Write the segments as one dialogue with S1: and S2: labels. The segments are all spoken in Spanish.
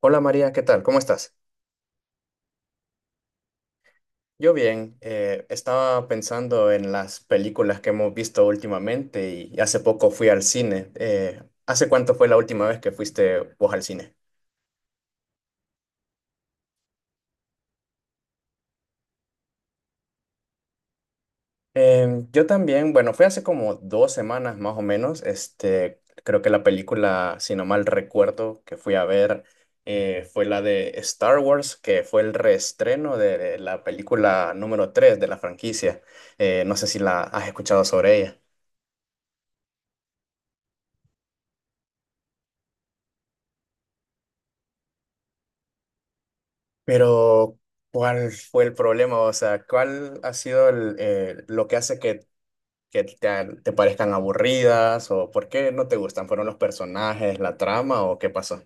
S1: Hola María, ¿qué tal? ¿Cómo estás? Yo bien, estaba pensando en las películas que hemos visto últimamente y hace poco fui al cine. ¿Hace cuánto fue la última vez que fuiste vos al cine? Yo también, bueno, fue hace como 2 semanas más o menos. Este, creo que la película, si no mal recuerdo, que fui a ver fue la de Star Wars, que fue el reestreno de la película número 3 de la franquicia. No sé si la has escuchado sobre ella. Pero ¿cuál fue el problema? O sea, ¿cuál ha sido lo que hace que te parezcan aburridas? ¿O por qué no te gustan? ¿Fueron los personajes, la trama o qué pasó?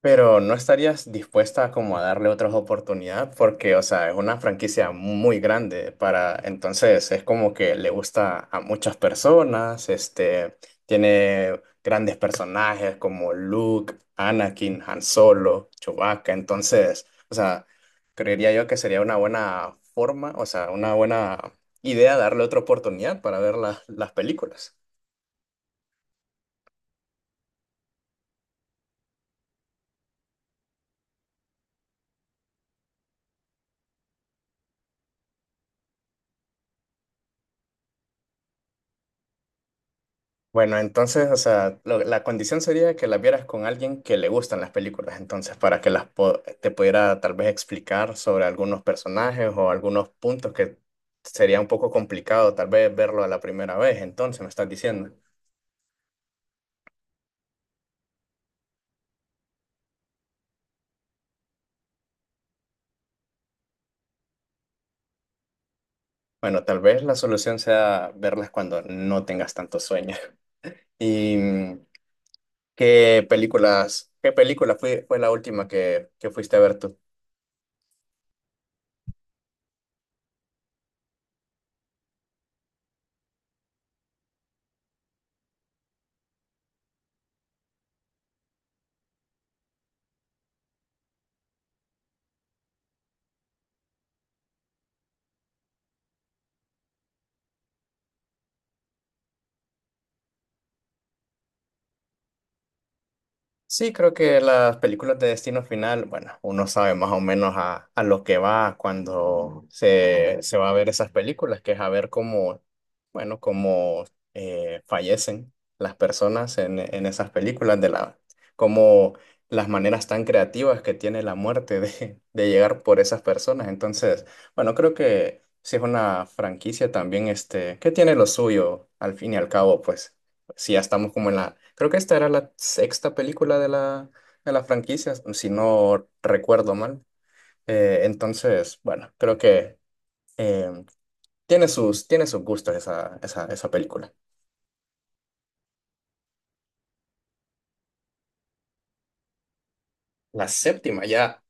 S1: Pero ¿no estarías dispuesta como a darle otra oportunidad? Porque, o sea, es una franquicia muy grande para, entonces es como que le gusta a muchas personas, este, tiene grandes personajes como Luke, Anakin, Han Solo, Chewbacca, entonces, o sea, creería yo que sería una buena forma, o sea, una buena idea darle otra oportunidad para ver las películas. Bueno, entonces, o sea, la condición sería que las vieras con alguien que le gustan las películas, entonces, para que te pudiera tal vez explicar sobre algunos personajes o algunos puntos que sería un poco complicado tal vez verlo a la primera vez, entonces me estás diciendo. Bueno, tal vez la solución sea verlas cuando no tengas tanto sueño. ¿Y qué películas, qué película fue, fue la última que fuiste a ver tú? Sí, creo que las películas de Destino Final, bueno, uno sabe más o menos a lo que va cuando se va a ver esas películas, que es a ver cómo, bueno, cómo fallecen las personas en esas películas, cómo las maneras tan creativas que tiene la muerte de llegar por esas personas. Entonces, bueno, creo que sí es una franquicia también, este, que tiene lo suyo, al fin y al cabo, pues si ya estamos como en la, creo que esta era la sexta película de la franquicia, si no recuerdo mal. Entonces, bueno, creo que eh, tiene sus gustos esa película. La séptima ya.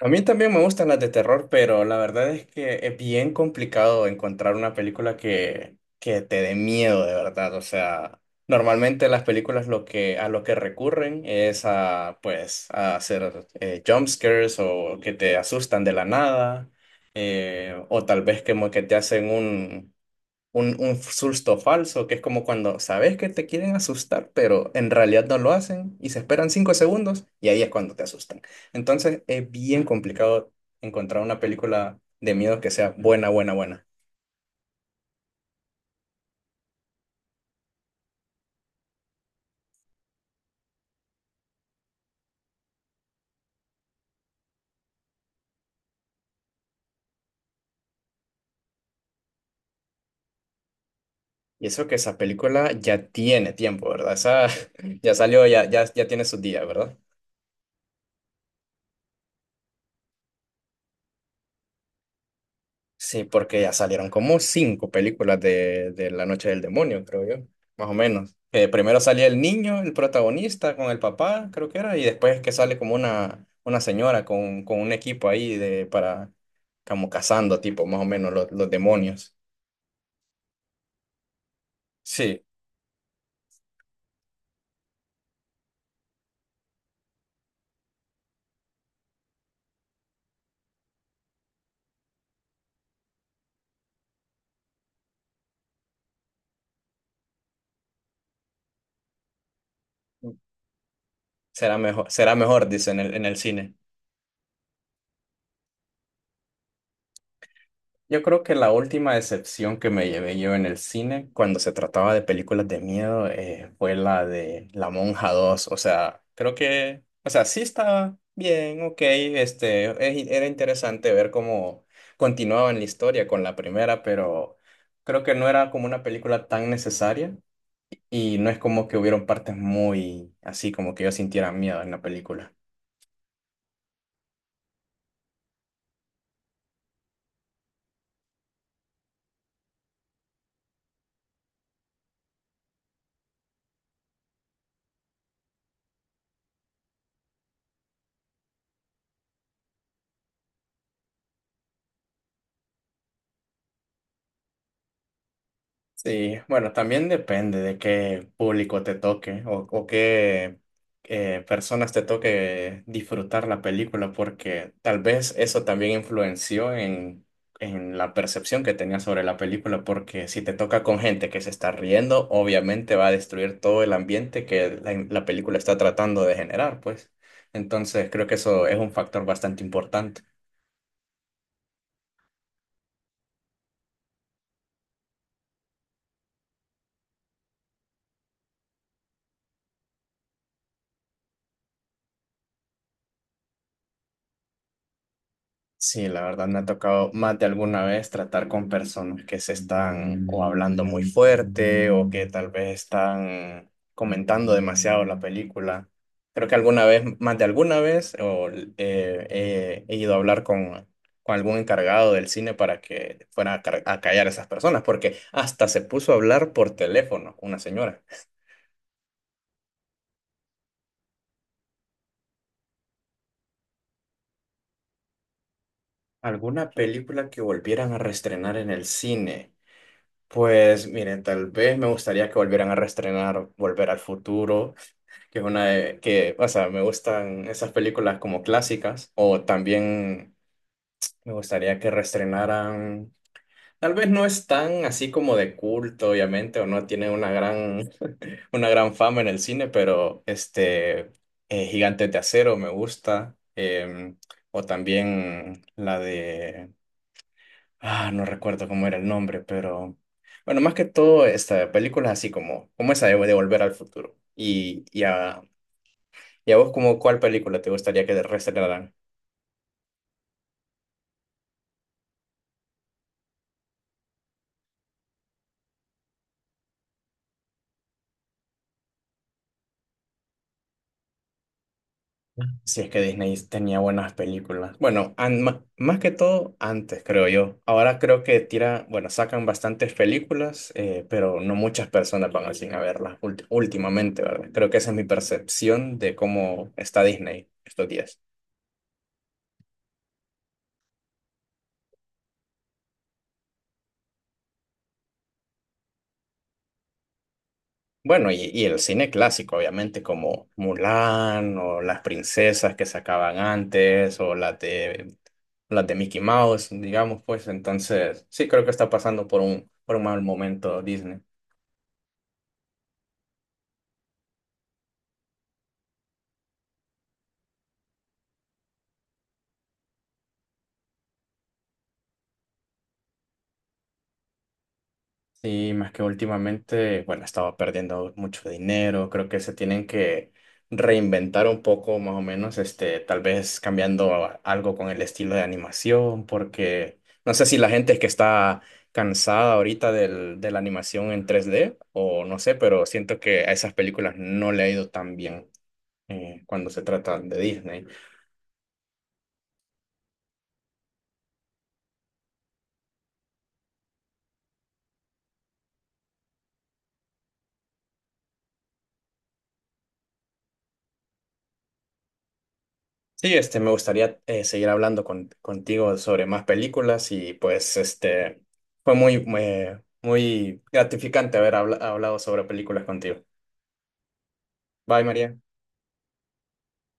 S1: A mí también me gustan las de terror, pero la verdad es que es bien complicado encontrar una película que te dé miedo de verdad. O sea, normalmente las películas lo que, a lo que recurren es a, pues, a hacer jump scares o que te asustan de la nada, o tal vez como que te hacen un susto falso, que es como cuando sabes que te quieren asustar, pero en realidad no lo hacen y se esperan 5 segundos y ahí es cuando te asustan. Entonces es bien complicado encontrar una película de miedo que sea buena, buena, buena. Y eso que esa película ya tiene tiempo, ¿verdad? Esa ya salió, ya tiene sus días, ¿verdad? Sí, porque ya salieron como 5 películas de La Noche del Demonio, creo yo, más o menos. Primero salía el niño, el protagonista, con el papá, creo que era, y después es que sale como una señora con un equipo ahí para, como cazando, tipo, más o menos, los demonios. Sí, será mejor, dice en el cine. Yo creo que la última decepción que me llevé yo en el cine cuando se trataba de películas de miedo fue la de La Monja dos. O sea, creo que, o sea, sí está bien, ok, este, era interesante ver cómo continuaban la historia con la primera, pero creo que no era como una película tan necesaria y no es como que hubieron partes muy así como que yo sintiera miedo en la película. Sí, bueno, también depende de qué público te toque o qué personas te toque disfrutar la película, porque tal vez eso también influenció en la percepción que tenías sobre la película, porque si te toca con gente que se está riendo, obviamente va a destruir todo el ambiente que la película está tratando de generar, pues. Entonces, creo que eso es un factor bastante importante. Sí, la verdad me ha tocado más de alguna vez tratar con personas que se están o hablando muy fuerte o que tal vez están comentando demasiado la película. Creo que alguna vez, más de alguna vez, he ido a hablar con algún encargado del cine para que fuera a, a callar a esas personas, porque hasta se puso a hablar por teléfono una señora. ¿Alguna película que volvieran a reestrenar en el cine? Pues miren, tal vez me gustaría que volvieran a reestrenar Volver al Futuro, que es una de, que, o sea, me gustan esas películas como clásicas, o también me gustaría que reestrenaran, tal vez no es tan así como de culto, obviamente, o no tiene una gran, una gran fama en el cine, pero este, Gigantes de Acero me gusta, o también la de Ah, no recuerdo cómo era el nombre, pero bueno, más que todo, esta película es así como, como esa de Volver al Futuro. Y a vos, como, ¿cuál película te gustaría que te reestrenaran? Si es que Disney tenía buenas películas. Bueno, más que todo antes, creo yo. Ahora creo que tira, bueno, sacan bastantes películas, pero no muchas personas van al cine a verlas últimamente, ¿verdad? Creo que esa es mi percepción de cómo está Disney estos días. Bueno, y el cine clásico, obviamente, como Mulan o las princesas que sacaban antes o las de Mickey Mouse, digamos, pues entonces sí creo que está pasando por por un mal momento Disney. Sí, más que últimamente, bueno, estaba perdiendo mucho dinero, creo que se tienen que reinventar un poco más o menos, este, tal vez cambiando algo con el estilo de animación, porque no sé si la gente es que está cansada ahorita de la animación en 3D o no sé, pero siento que a esas películas no le ha ido tan bien cuando se trata de Disney. Sí, este, me gustaría seguir hablando contigo sobre más películas y pues este fue muy, muy, muy gratificante haber hablado sobre películas contigo. Bye, María.